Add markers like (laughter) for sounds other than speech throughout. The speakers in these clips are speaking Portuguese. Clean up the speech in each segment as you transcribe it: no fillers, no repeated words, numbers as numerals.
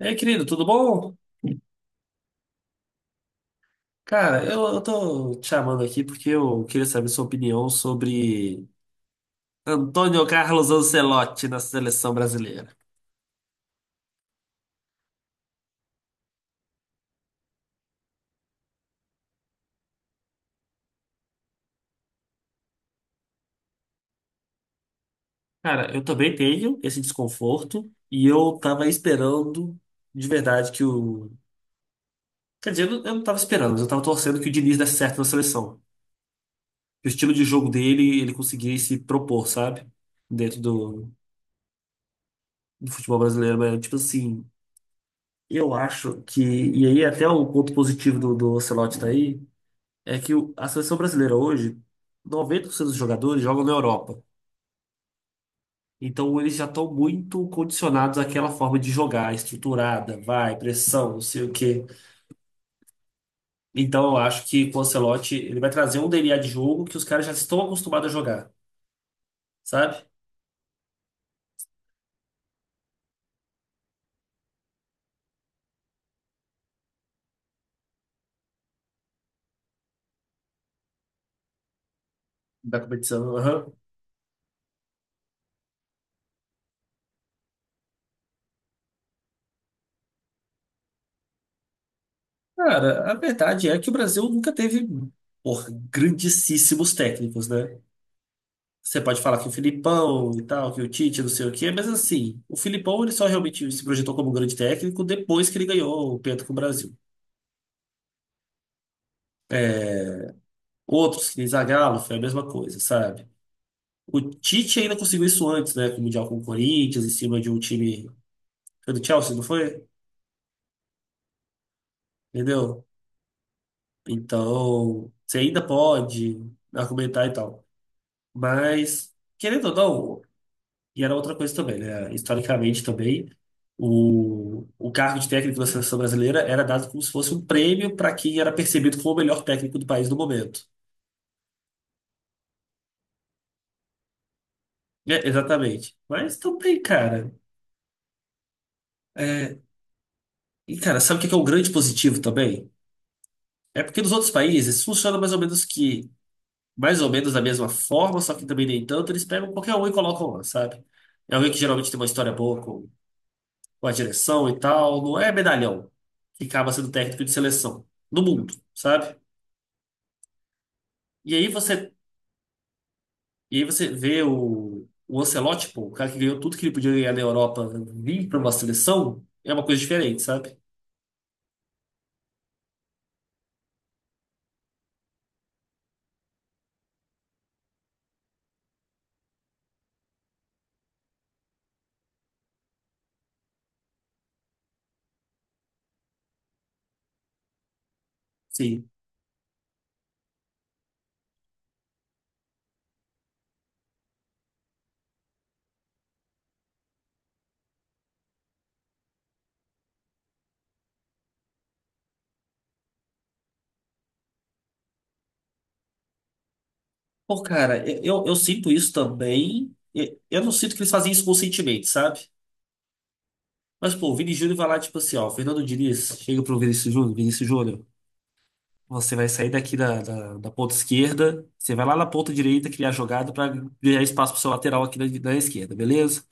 E aí, querido, tudo bom? Cara, eu tô te chamando aqui porque eu queria saber sua opinião sobre Antônio Carlos Ancelotti na seleção brasileira. Cara, eu também tenho esse desconforto e eu tava esperando de verdade que o. Quer dizer, eu não tava esperando, mas eu tava torcendo que o Diniz desse certo na seleção. Que o estilo de jogo dele, ele conseguisse propor, sabe? Dentro do futebol brasileiro, mas tipo assim. Eu acho que, e aí até o ponto positivo do Ancelotti tá aí, é que a seleção brasileira hoje, 90% dos jogadores jogam na Europa. Então eles já estão muito condicionados àquela forma de jogar, estruturada, vai, pressão, não sei o quê. Então eu acho que com o Ancelotti ele vai trazer um DNA de jogo que os caras já estão acostumados a jogar, sabe? Da competição, aham. Cara, a verdade é que o Brasil nunca teve, porra, grandíssimos técnicos, né? Você pode falar que o Filipão e tal, que o Tite, não sei o quê, mas assim, o Filipão ele só realmente se projetou como um grande técnico depois que ele ganhou o Penta com o Brasil. Outros, que nem Zagallo, foi a mesma coisa, sabe? O Tite ainda conseguiu isso antes, né? Com o Mundial com o Corinthians, em cima de um time. Foi do Chelsea, não foi? Entendeu? Então, você ainda pode argumentar e tal. Mas, querendo ou não, e era outra coisa também, né? Historicamente também, o cargo de técnico da seleção brasileira era dado como se fosse um prêmio para quem era percebido como o melhor técnico do país no momento. É, exatamente. Mas também, cara. É. E, cara, sabe o que é um grande positivo também? É porque nos outros países funciona mais ou menos que, mais ou menos da mesma forma, só que também nem tanto, eles pegam qualquer um e colocam lá, sabe? É alguém que geralmente tem uma história boa com a direção e tal, não é medalhão que acaba sendo técnico de seleção. No mundo, sabe? E aí você, e aí você vê o Ancelotti, pô, o cara que ganhou tudo que ele podia ganhar na Europa, vir para uma seleção, é uma coisa diferente, sabe? Sim. Pô, cara, eu sinto isso também. Eu não sinto que eles fazem isso conscientemente, sabe? Mas, pô, o Vini Júnior vai lá, tipo assim, ó, o Fernando Diniz, chega pro Vinícius Júnior, Vinícius Júnior, você vai sair daqui da ponta esquerda, você vai lá na ponta direita criar jogada para criar espaço pro seu lateral aqui na, na esquerda, beleza?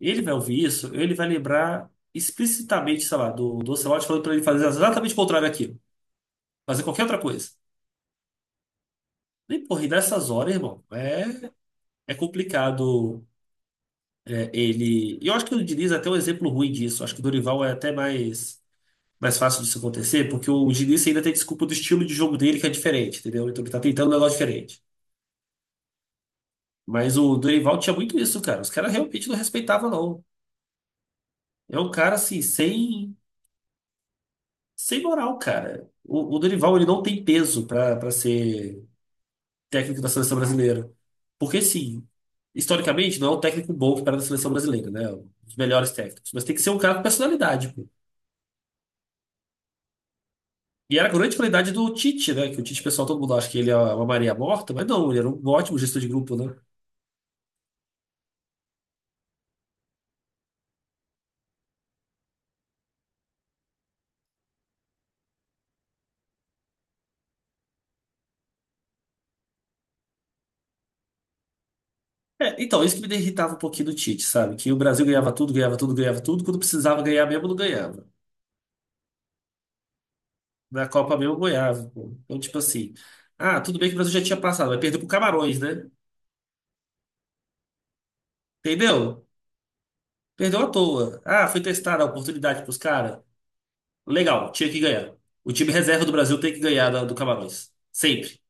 Ele vai ouvir isso, ele vai lembrar explicitamente, sei lá, do Ancelotti falando pra ele fazer exatamente o contrário daquilo. Fazer qualquer outra coisa. E, porra, e nessas horas, irmão, é, é complicado é, ele... E eu acho que o Diniz é até um exemplo ruim disso. Acho que o Dorival é até mais, mais fácil disso acontecer, porque o Diniz ainda tem desculpa do estilo de jogo dele que é diferente, entendeu? Então ele tá tentando um negócio diferente. Mas o Dorival tinha muito isso, cara. Os caras realmente não respeitavam, não. É um cara, assim, sem... Sem moral, cara. O Dorival, ele não tem peso pra para ser técnico da seleção brasileira. Porque, sim, historicamente, não é um técnico bom que para da seleção brasileira, né? Um dos melhores técnicos. Mas tem que ser um cara com personalidade, pô. E era a grande qualidade do Tite, né? Que o Tite, pessoal, todo mundo acha que ele é uma Maria morta, mas não, ele era um ótimo gestor de grupo, né? É, então, isso que me irritava um pouquinho do Tite, sabe? Que o Brasil ganhava tudo, ganhava tudo, ganhava tudo. Quando precisava ganhar mesmo, não ganhava. Na Copa mesmo, ganhava, pô. Então, tipo assim. Ah, tudo bem que o Brasil já tinha passado, mas perdeu pro Camarões, né? Entendeu? Perdeu à toa. Ah, foi testada a oportunidade pros caras. Legal, tinha que ganhar. O time reserva do Brasil tem que ganhar do Camarões. Sempre.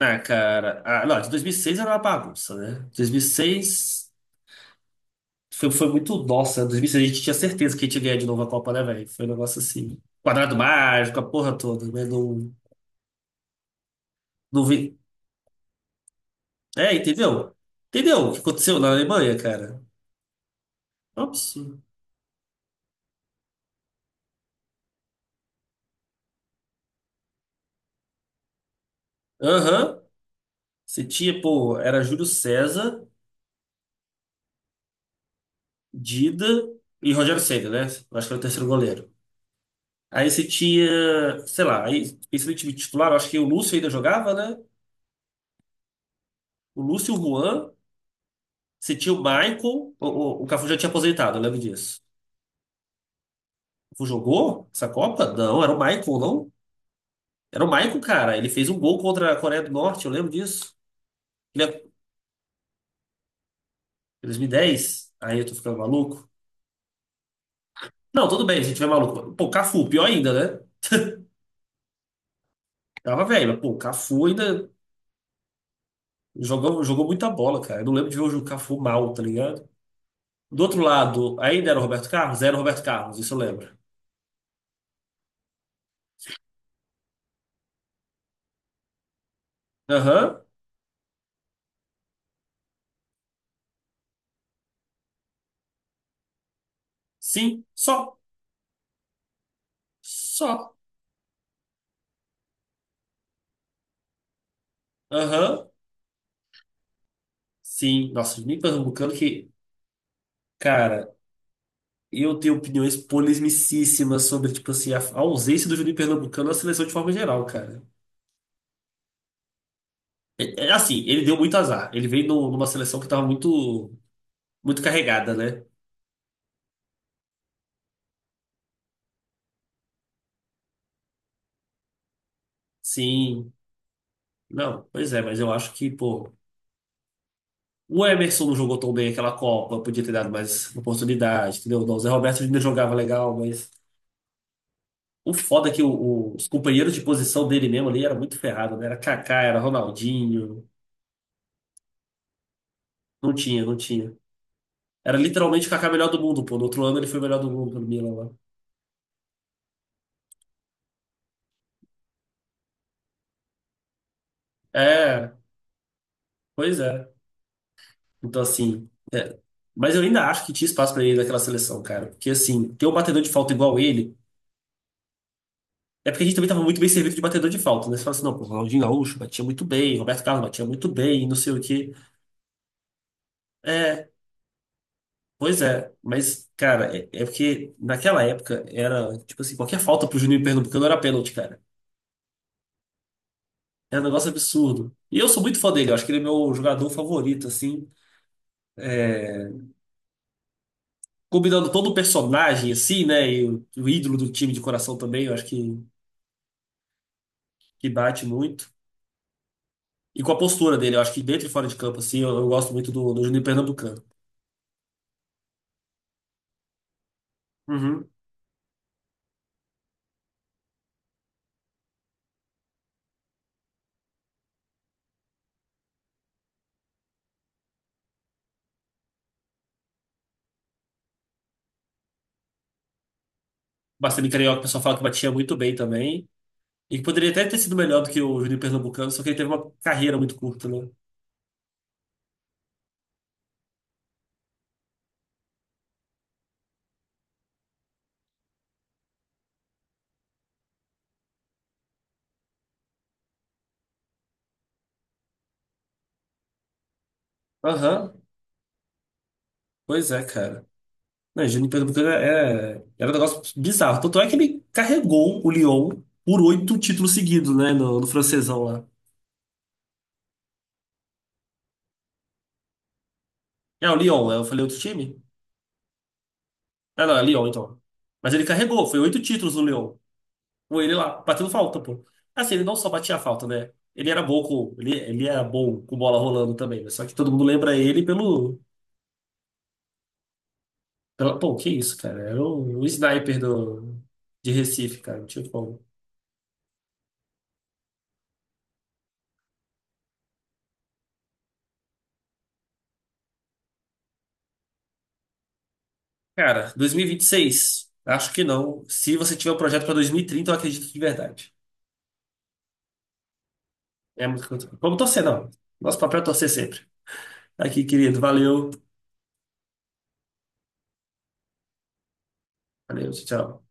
Ah, cara. Ah, não, de 2006 era uma bagunça, né? 2006 foi, foi muito. Nossa, 2006 a gente tinha certeza que a gente ia ganhar de novo a Copa, né, velho? Foi um negócio assim. Quadrado mágico, a porra toda, né? Não, não vi. É, entendeu? Entendeu o que aconteceu na Alemanha, cara? Ops. Aham. Você tinha, pô, era Júlio César. Dida e Rogério Ceni, né? Eu acho que era o terceiro goleiro. Aí você tinha, sei lá, aí pensando em time titular, eu acho que o Lúcio ainda jogava, né? O Lúcio e o Juan, você tinha o Michael, o Cafu já tinha aposentado, eu lembro disso. O Cafu jogou essa Copa? Não, era o Michael, não? Era o Michael, cara. Ele fez um gol contra a Coreia do Norte, eu lembro disso. Ele é- 2010? Aí eu tô ficando maluco. Não, tudo bem, se a gente tiver maluco. Pô, Cafu, pior ainda, né? (laughs) Tava velho, mas pô, Cafu ainda. Jogou, jogou muita bola, cara. Eu não lembro de ver o Juca Fu mal, tá ligado? Do outro lado, ainda era o Roberto Carlos? Era o Roberto Carlos, isso eu lembro. Aham, sim, só, só. Aham, sim. Nossa, nem pernambucano que, cara, eu tenho opiniões polemicíssimas sobre, tipo assim, a ausência do Juninho Pernambucano na seleção de forma geral, cara. É, é assim, ele deu muito azar. Ele veio numa seleção que tava muito, muito carregada, né? Sim. Não, pois é, mas eu acho que, pô. O Emerson não jogou tão bem aquela Copa, podia ter dado mais oportunidade, entendeu? O Zé Roberto ainda jogava legal, mas o foda é que os companheiros de posição dele mesmo ali era muito ferrado, né? Era Kaká, era Ronaldinho, não tinha. Era literalmente o Kaká melhor do mundo, pô. No outro ano ele foi o melhor do mundo pelo Milan lá. É, pois é. Então assim, é. Mas eu ainda acho que tinha espaço pra ele naquela seleção, cara. Porque assim, ter um batedor de falta igual ele é porque a gente também estava muito bem servido de batedor de falta, né? Você fala assim, não, pô, Ronaldinho Gaúcho batia muito bem, Roberto Carlos batia muito bem, não sei o quê. É, pois é. Mas, cara, é, é porque naquela época era, tipo assim, qualquer falta pro Juninho Pernambucano era pênalti, cara. Era um negócio absurdo. E eu sou muito fã dele, eu acho que ele é meu jogador favorito, assim. É, combinando todo o personagem, assim, né? E o ídolo do time de coração também, eu acho que bate muito. E com a postura dele, eu acho que dentro e fora de campo, assim, eu gosto muito do Juninho Pernambucano. Uhum. Bastante Carioca, o pessoal fala que batia muito bem também. E que poderia até ter sido melhor do que o Juninho Pernambucano, só que ele teve uma carreira muito curta, né? Aham, pois é, cara. Não, o Juninho Pernambucano é, é, era um negócio bizarro. Tanto é que ele carregou o Lyon por 8 títulos seguidos, né? No francesão lá. É, o Lyon, é, eu falei outro time? Ah, não, é Lyon, então. Mas ele carregou, foi 8 títulos no Lyon. Com ele lá, batendo falta, pô. Assim, ele não só batia falta, né? Ele era bom com, ele era bom com bola rolando também, né? Só que todo mundo lembra ele pelo pô, que isso, cara. Era o sniper do, de Recife, cara. Não tinha como. Cara, 2026? Acho que não. Se você tiver um projeto pra 2030, eu acredito de verdade. É muito. Vamos torcer, não. Nosso papel é torcer sempre. Aqui, querido. Valeu. Valeu, tchau.